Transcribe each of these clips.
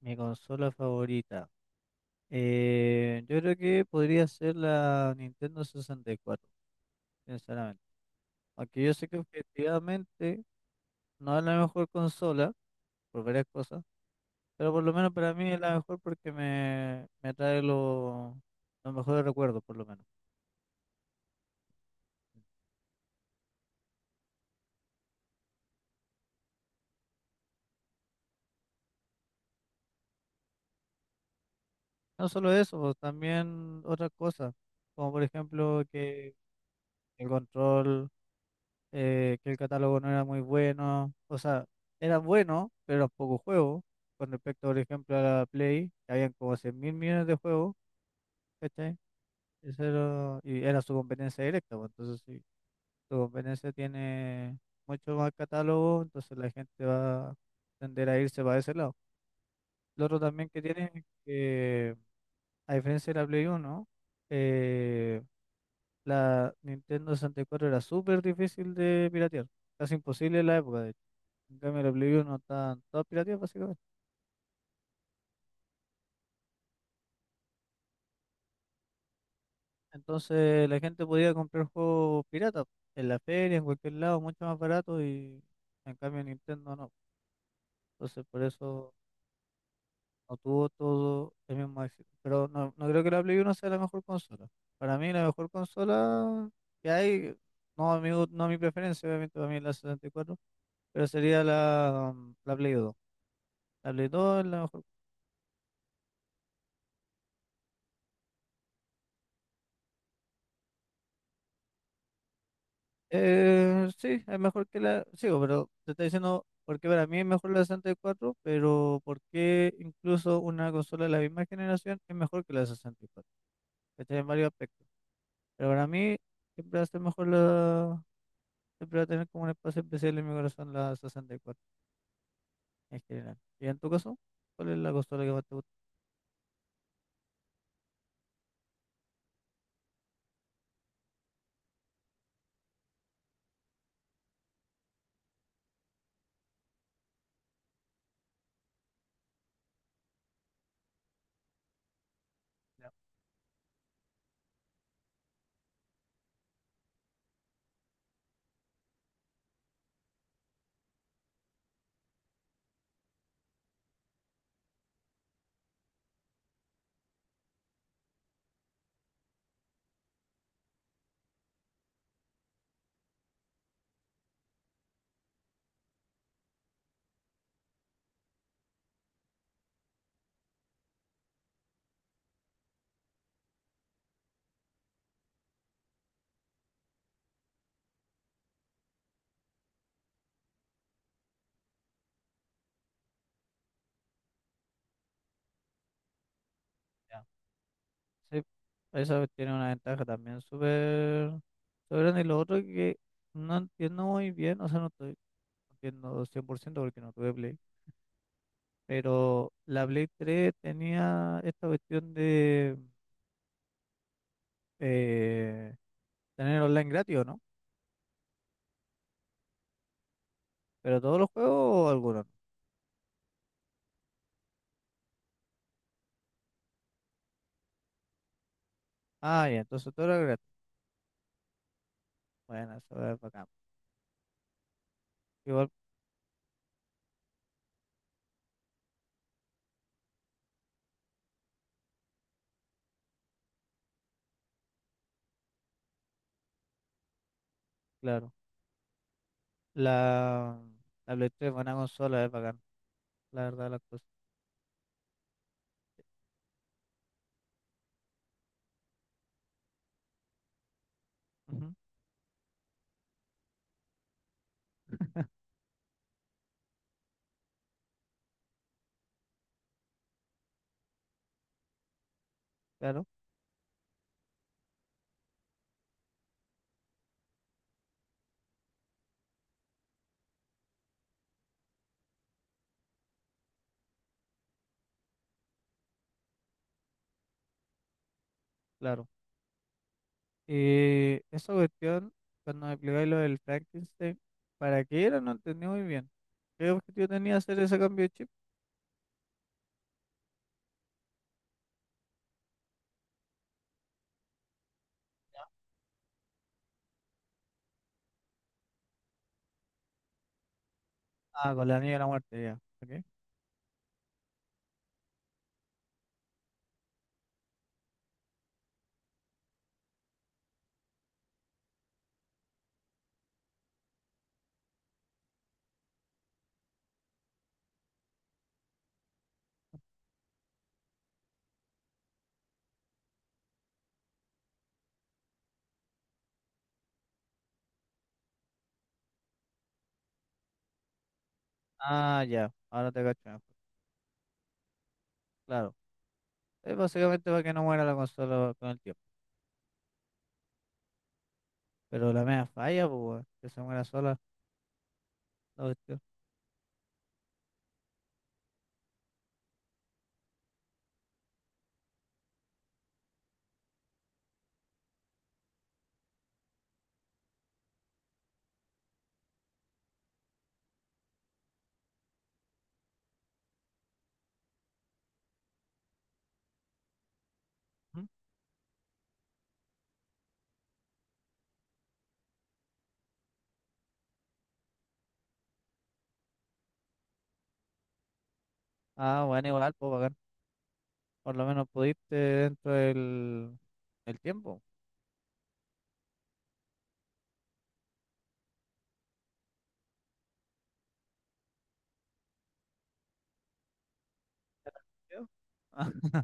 Mi consola favorita. Yo creo que podría ser la Nintendo 64, sinceramente. Aunque yo sé que objetivamente no es la mejor consola, por varias cosas, pero por lo menos para mí es la mejor porque me trae los mejores recuerdos, por lo menos. No solo eso, pues, también otras cosas, como por ejemplo que el control. Que el catálogo no era muy bueno, o sea, era bueno, pero eran pocos juegos, con respecto, por ejemplo, a la Play, que habían como 100 mil millones de juegos, ¿cachai? Eso era, y era su competencia directa, pues, entonces si su competencia tiene mucho más catálogo, entonces la gente va a tender a irse para ese lado. Lo otro también que tiene es que, a diferencia de la Play uno, eh, La Nintendo 64 era súper difícil de piratear, casi imposible en la época, de hecho. En cambio, la Play 1 estaban todas pirateadas, básicamente. Entonces, la gente podía comprar juegos piratas en la feria, en cualquier lado, mucho más barato, y en cambio, Nintendo no. Entonces, por eso no tuvo todo el mismo éxito. Pero no, no creo que la Play Uno sea la mejor consola. Para mí, la mejor consola que hay, no a mi, no a mi preferencia, obviamente, para mí es la 64, pero sería la, Play dos, Ableton, la mejor. Sí, es mejor que la. Sigo, pero te estoy diciendo porque para mí es mejor la 64, pero ¿por qué incluso una consola de la misma generación es mejor que la 64? Está en varios aspectos. Pero para mí siempre va a ser mejor la. Siempre va a tener como un espacio especial en mi corazón la 64, en general. ¿Y en tu caso? ¿Cuál es la consola que más te gusta? Ya, sí, esa tiene una ventaja también súper súper grande. Y lo otro que no entiendo muy bien, o sea, no estoy entiendo 100% porque no tuve Play, pero la Play tres tenía esta cuestión de eh, tener online gratis o no, pero todos los juegos o algunos, ¿no? Ah, ya, entonces todo era gratis. Bueno, eso es bacán. Igual, claro, la, la Play tres es buena consola, es bacán, la verdad, las cosas. Ujú, claro, claro. Y esa cuestión, cuando me explicáis lo del Frankenstein, ¿para qué era? No entendí muy bien. ¿Qué objetivo tenía hacer ese cambio de chip? Ah, con la niña de la muerte, ya. Ok. Ah, ya, ahora te cacho mejor. Claro. Es básicamente para que no muera la consola con el tiempo. Pero la mea falla, pues, weón, que se muera sola la cuestión. Ujú. Ah, bueno, igual, pues, bacán. Por lo menos pudiste dentro del tiempo. ¿Ya? Ah,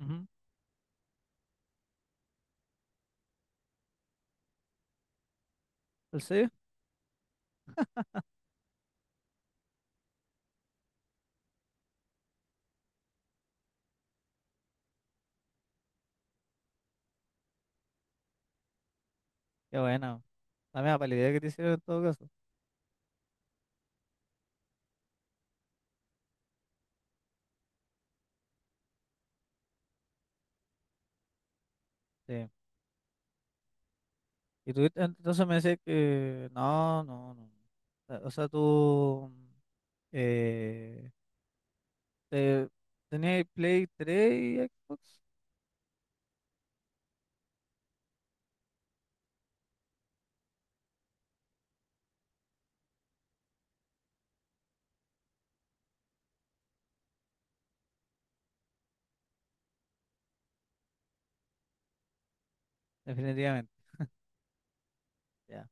ujú. ¿En serio? Qué bueno. La mea palidez que te hicieron en todo caso. Sí. Y tú, entonces me decías que no, no, no. O sea, tú eh, te, tenías Play 3 y Xbox, definitivamente. Ya.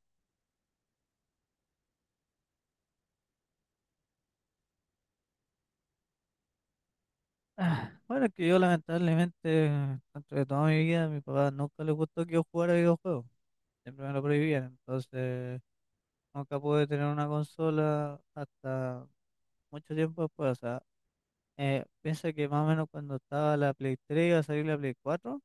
Ah, bueno, es que yo lamentablemente, dentro de toda mi vida, a mi papá nunca le gustó que yo jugara videojuegos. Siempre me lo prohibían. Entonces, nunca pude tener una consola hasta mucho tiempo después. O sea, piensa que más o menos cuando estaba la Play 3 iba a salir la Play cuatro.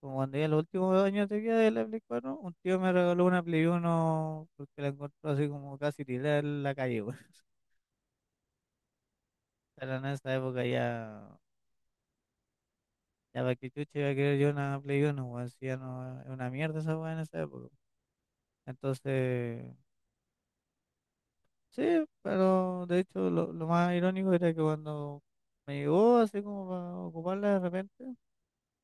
Como cuando ya los últimos 2 años de vida de la Play 4, un tío me regaló una Play uno porque la encontró así como casi tirada en la calle, weón. Pero en esa época ya, ya para que chucha iba a querer yo una Play uno, weón. Si ya no, es una mierda esa weá en esa época. Entonces, sí, pero de hecho lo más irónico era que cuando me llegó así como para ocuparla de repente,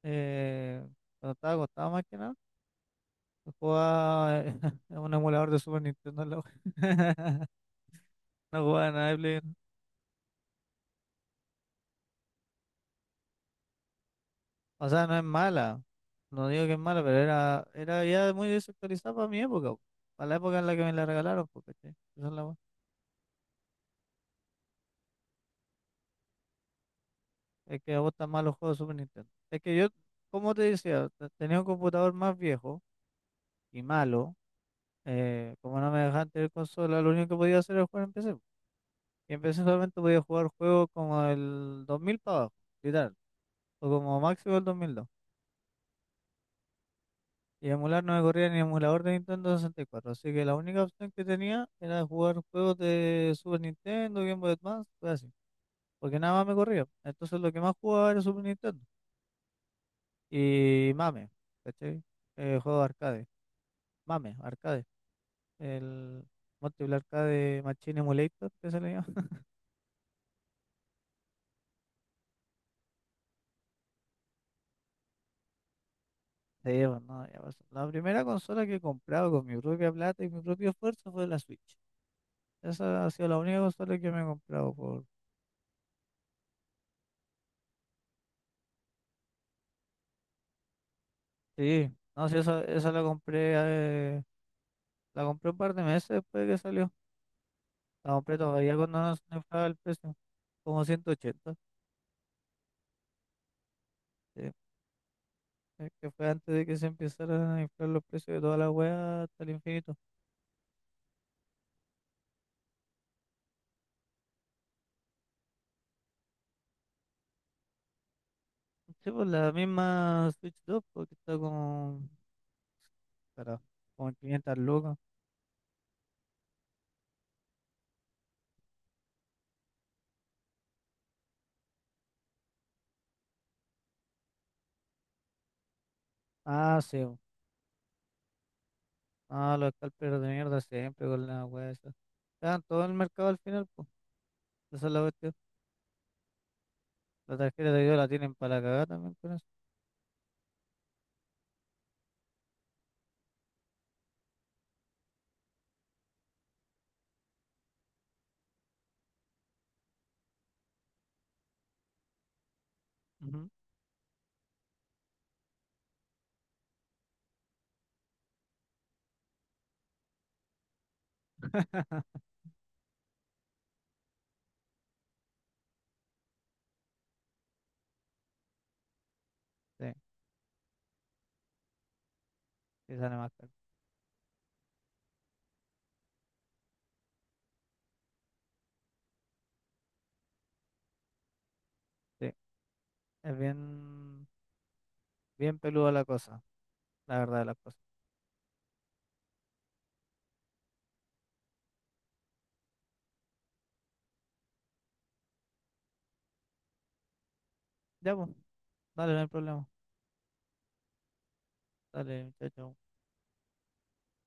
eh, cuando estaba acostado más que nada, jugaba en un emulador de Super Nintendo en la wea. No jugaba nada de Play. O sea, no es mala. No digo que es mala, pero era, ya muy desactualizada para mi época, po. Para la época en la que me la regalaron, porque es que a vos tan malos juegos de Super Nintendo. Es que yo, como te decía, tenía un computador más viejo y malo. Como no me dejaban tener consola, lo único que podía hacer era jugar en PC, po. Y en PC solamente podía jugar juegos como el 2000 para abajo, literal. O como máximo el 2002. Y emular no me corría ni emulador de Nintendo 64, así que la única opción que tenía era jugar juegos de Super Nintendo, Game Boy Advance, cosas así, porque nada más me corría. Entonces lo que más jugaba era Super Nintendo y MAME, ¿cachai? Juego de arcade, MAME, arcade, el Multiple Arcade Machine Emulator que se le llama. Sí, pues, no, ya pasó. La primera consola que he comprado con mi propia plata y mi propio esfuerzo fue la Switch. Esa ha sido la única consola que me he comprado por. Sí, no, sí, esa la compré. eh, La compré un par de meses después de que salió. La compré todavía cuando no se inflaba el precio, como 180. Sí, es que fue antes de que se empezaran a inflar los precios de toda la weá hasta el infinito. Sí, pues la misma Switch dos porque está como, cara, como en 500 lucas. Ah, sí, bo. Ah, los scalpers de mierda siempre con la weá esa. Están todo el mercado al final, pues. Esa es la cuestión. La tarjeta de video la tienen para cagar también con eso. Ujú. Sí, sí sale más caro. Sí, es bien. Bien peluda la cosa, la verdad de las cosas. Ya, pues, dale, no hay problema. Dale, muchacho.